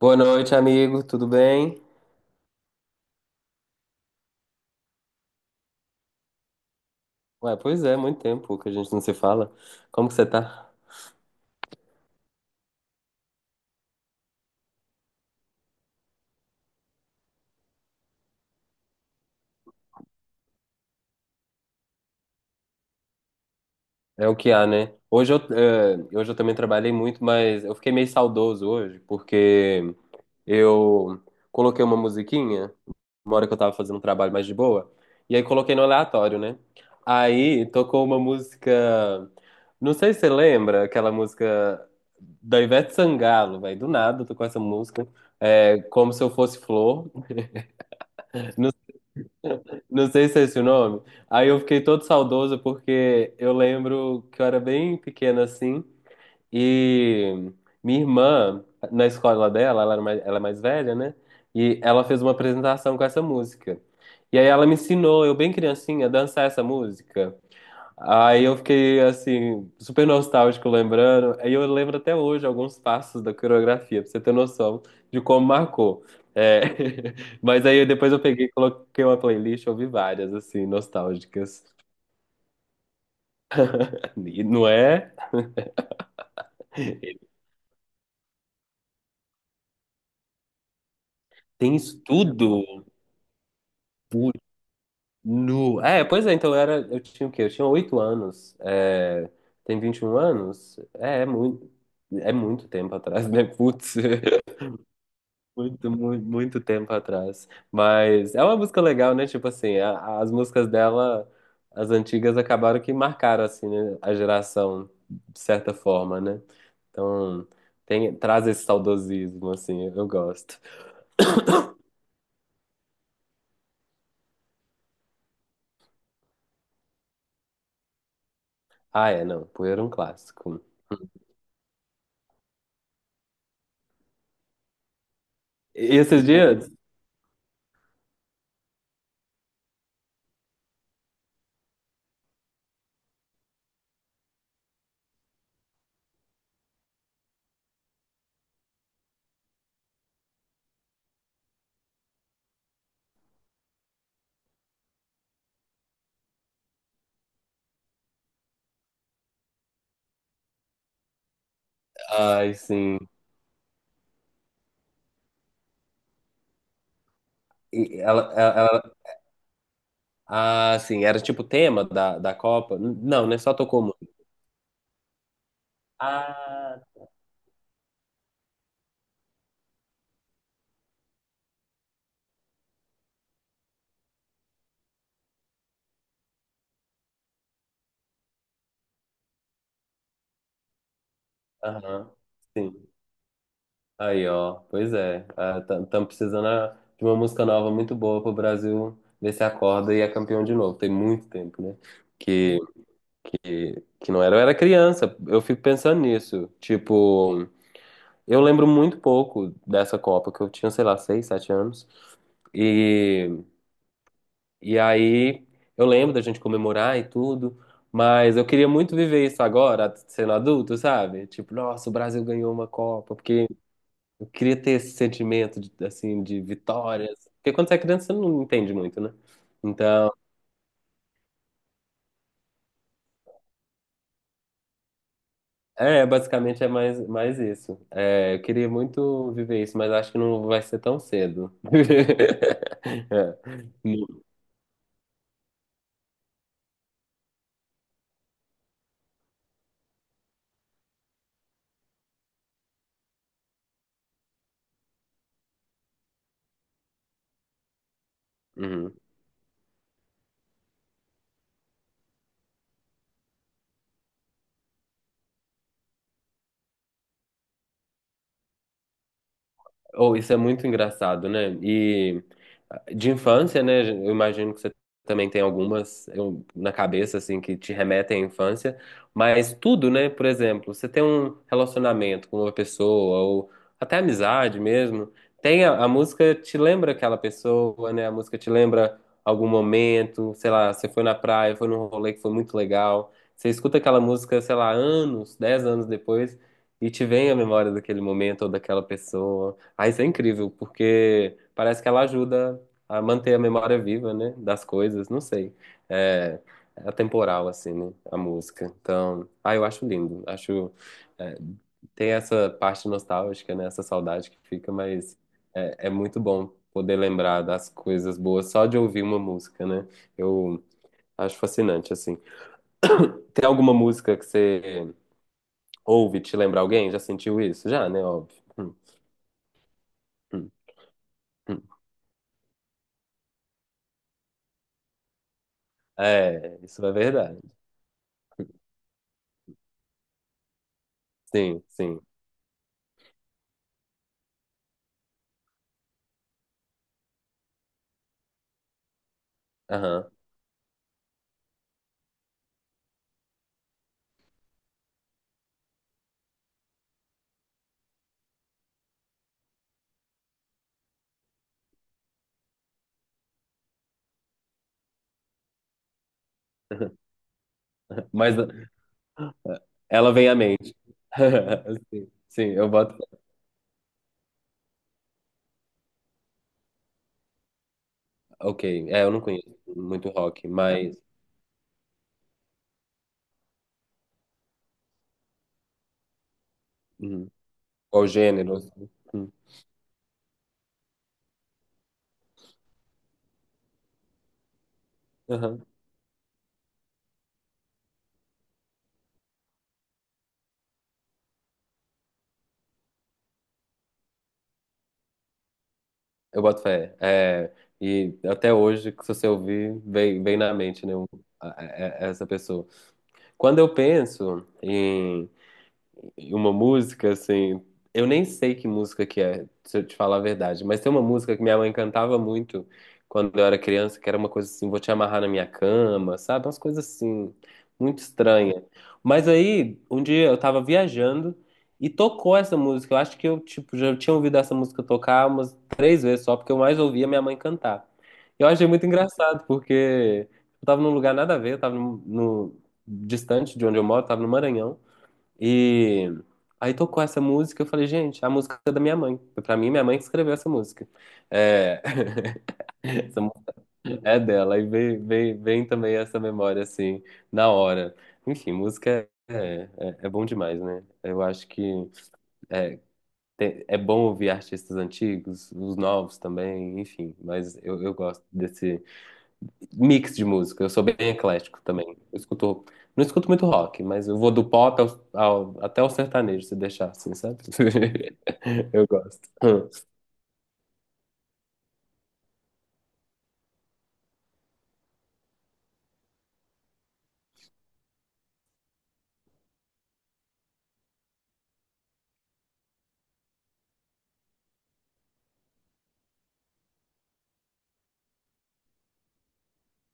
Boa noite, amigo. Tudo bem? Ué, pois é, muito tempo que a gente não se fala. Como que você tá? É o que há, né? Hoje eu também trabalhei muito, mas eu fiquei meio saudoso hoje, porque eu coloquei uma musiquinha, uma hora que eu tava fazendo um trabalho mais de boa, e aí coloquei no aleatório, né? Aí tocou uma música. Não sei se você lembra aquela música da Ivete Sangalo, velho. Do nada, eu tô com essa música. É, como se eu fosse flor. Não sei se é esse o nome. Aí eu fiquei todo saudoso porque eu lembro que eu era bem pequena assim e minha irmã, na escola dela, ela é mais velha, né? E ela fez uma apresentação com essa música. E aí ela me ensinou, eu bem criancinha, a dançar essa música. Aí eu fiquei assim, super nostálgico lembrando. Aí eu lembro até hoje alguns passos da coreografia, pra você ter noção de como marcou. É, mas aí depois eu peguei, e coloquei uma playlist, ouvi várias, assim, nostálgicas. E não é? Tem estudo? Putz, nu. É, pois é, então eu era. Eu tinha o quê? Eu tinha oito anos. É... Tem 21 anos? É, é muito. É muito tempo atrás, né? Putz. Muito, muito, muito tempo atrás. Mas é uma música legal, né? Tipo assim, as músicas dela, as antigas, acabaram que marcaram, assim, né? A geração, de certa forma, né? Então, tem, traz esse saudosismo, assim, eu gosto. Ah, é, não, Poeira é um clássico. E esses dias? Ai, sim. E ela, ela, ela- ah, sim, era tipo tema da Copa? Não, né? Só tocou muito. Ah, aham. Sim. Aí, ó, pois é. Estamos precisando de uma música nova muito boa pro Brasil ver se acorda e é campeão de novo. Tem muito tempo, né? Que, que não era. Eu era criança, eu fico pensando nisso. Tipo, eu lembro muito pouco dessa Copa, que eu tinha, sei lá, seis, sete anos. E, e aí eu lembro da gente comemorar e tudo, mas eu queria muito viver isso agora, sendo adulto, sabe? Tipo, nossa, o Brasil ganhou uma Copa, porque eu queria ter esse sentimento de, assim, de vitórias. Porque quando você é criança, você não entende muito, né? Então, é, basicamente é mais isso. É, eu queria muito viver isso, mas acho que não vai ser tão cedo. É. Uhum. Oh, isso é muito engraçado, né? E de infância, né? Eu imagino que você também tem algumas na cabeça, assim, que te remetem à infância, mas tudo, né? Por exemplo, você tem um relacionamento com uma pessoa, ou até amizade mesmo, tem a música te lembra aquela pessoa, né? A música te lembra algum momento, sei lá, você foi na praia, foi num rolê que foi muito legal, você escuta aquela música, sei lá, anos, dez anos depois, e te vem a memória daquele momento ou daquela pessoa. Ah, isso é incrível, porque parece que ela ajuda a manter a memória viva, né? Das coisas, não sei. É, é atemporal, assim, né? A música. Então, ah, eu acho lindo. Acho. É, tem essa parte nostálgica, né? Essa saudade que fica, mas é, é muito bom poder lembrar das coisas boas só de ouvir uma música, né? Eu acho fascinante, assim. Tem alguma música que você ouve e te lembra alguém? Já sentiu isso? Já, né? Óbvio. Hum, hum. É, isso é verdade. Sim, sim. Aham. Mas ela vem à mente. Sim, sim, eu boto. Ok, é, eu não conheço muito rock, mas. Uhum. Qual gênero? Assim? Uhum. Aham. Eu boto fé. É, e até hoje, que se você ouvir, vem, vem na mente, né? Essa pessoa. Quando eu penso uma música, assim. Eu nem sei que música que é, se eu te falar a verdade, mas tem uma música que minha mãe cantava muito quando eu era criança, que era uma coisa assim, vou te amarrar na minha cama, sabe? Umas coisas assim, muito estranha. Mas aí, um dia eu tava viajando e tocou essa música. Eu acho que eu, tipo, já tinha ouvido essa música tocar umas três vezes só, porque eu mais ouvia minha mãe cantar. Eu achei muito engraçado, porque eu tava num lugar nada a ver, eu tava no, no- distante de onde eu moro, tava no Maranhão. E aí tocou essa música, eu falei, gente, a música é da minha mãe. Pra mim, minha mãe que escreveu essa música. É, essa música é dela. E vem também essa memória, assim, na hora. Enfim, é bom demais, né? Eu acho que é, é bom ouvir artistas antigos, os novos também, enfim. Mas eu gosto desse, mix de música, eu sou bem eclético também. Eu escuto, não escuto muito rock, mas eu vou do pop até o sertanejo, se deixar assim, sabe? Eu gosto. Hum.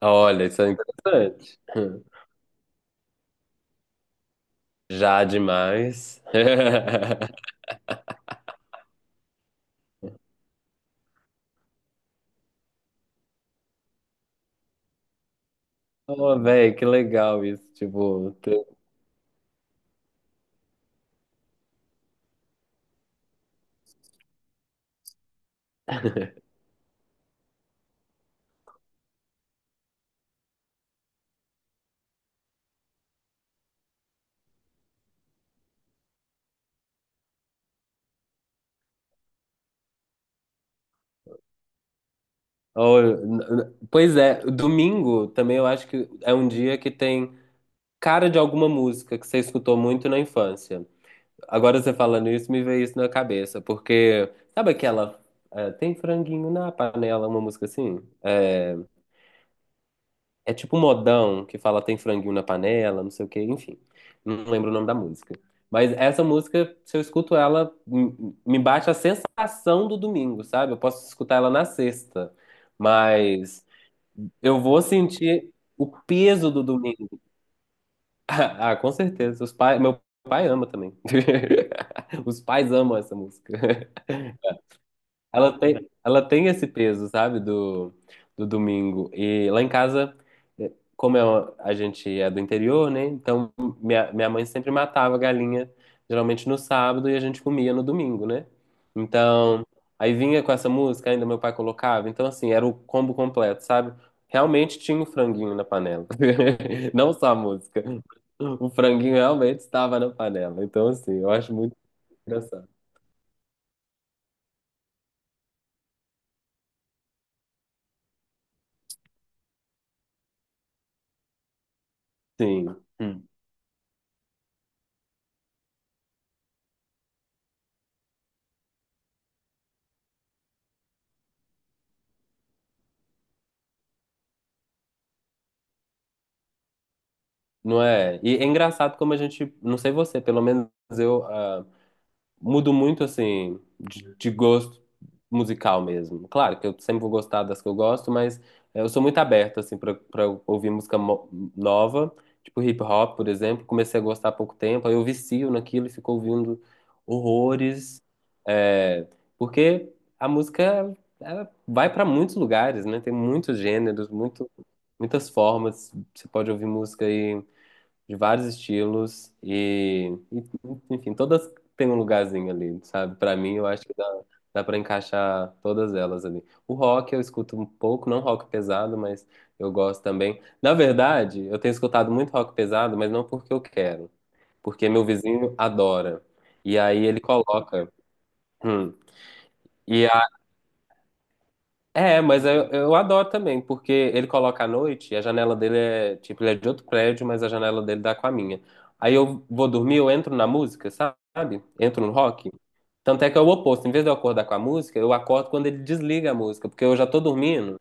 Olha, isso é interessante. Hum. Já demais. Oh, velho, que legal isso, tipo, ter- Oh, pois é, domingo também eu acho que é um dia que tem cara de alguma música que você escutou muito na infância. Agora você falando isso, me veio isso na cabeça, porque sabe aquela é, tem franguinho na panela, uma música assim? É, é tipo um modão que fala tem franguinho na panela, não sei o quê, enfim. Não lembro o nome da música. Mas essa música, se eu escuto ela, me bate a sensação do domingo, sabe? Eu posso escutar ela na sexta, mas eu vou sentir o peso do domingo. Ah, com certeza. Os pai, meu pai ama também. Os pais amam essa música. Ela tem esse peso, sabe, do domingo. E lá em casa, como é a gente é do interior, né? Então minha mãe sempre matava a galinha, geralmente no sábado, e a gente comia no domingo, né? Então, aí vinha com essa música, ainda meu pai colocava. Então, assim, era o combo completo, sabe? Realmente tinha o franguinho na panela. Não só a música. O franguinho realmente estava na panela. Então, assim, eu acho muito engraçado. Sim. Hum. Não é? E é engraçado como a gente, não sei você, pelo menos eu mudo muito assim de gosto musical mesmo. Claro que eu sempre vou gostar das que eu gosto, mas eu sou muito aberto assim para ouvir música nova, tipo hip hop, por exemplo. Comecei a gostar há pouco tempo, aí eu vicio naquilo e fico ouvindo horrores, é, porque a música ela vai para muitos lugares, né? Tem muitos gêneros, muito, muitas formas. Você pode ouvir música aí de vários estilos enfim, todas têm um lugarzinho ali, sabe? Pra mim, eu acho que dá para encaixar todas elas ali. O rock eu escuto um pouco, não rock pesado, mas eu gosto também. Na verdade, eu tenho escutado muito rock pesado, mas não porque eu quero, porque meu vizinho adora. E aí ele coloca. hum, e é, mas eu adoro também, porque ele coloca à noite e a janela dele é, tipo, ele é de outro prédio, mas a janela dele dá com a minha. Aí eu vou dormir, eu entro na música, sabe? Entro no rock. Tanto é que é o oposto, em vez de eu acordar com a música, eu acordo quando ele desliga a música, porque eu já tô dormindo.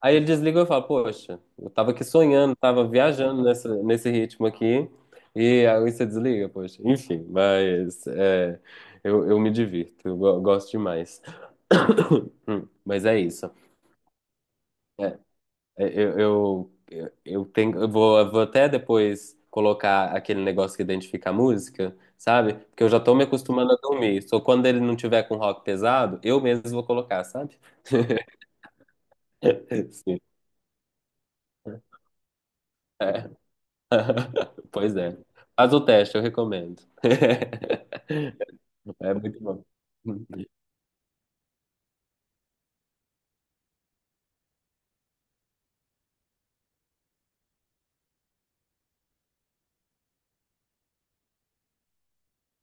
Aí ele desliga e eu falo, poxa, eu tava aqui sonhando, tava viajando nessa, nesse ritmo aqui, e aí você desliga, poxa. Enfim, mas é, eu me divirto, eu gosto demais. Mas é isso. É, eu, eu tenho, eu vou até depois colocar aquele negócio que identifica a música, sabe? Porque eu já tô me acostumando a dormir. Só quando ele não tiver com rock pesado, eu mesmo vou colocar, sabe? Sim. É. Pois é. Faz o teste, eu recomendo. É muito bom.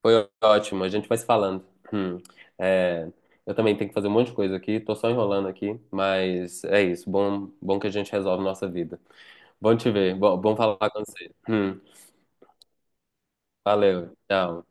Foi ótimo, a gente vai se falando. Hum. É, eu também tenho que fazer um monte de coisa aqui, tô só enrolando aqui, mas é isso. Bom, bom que a gente resolve nossa vida. Bom te ver. Bom, bom falar com você. Valeu. Tchau.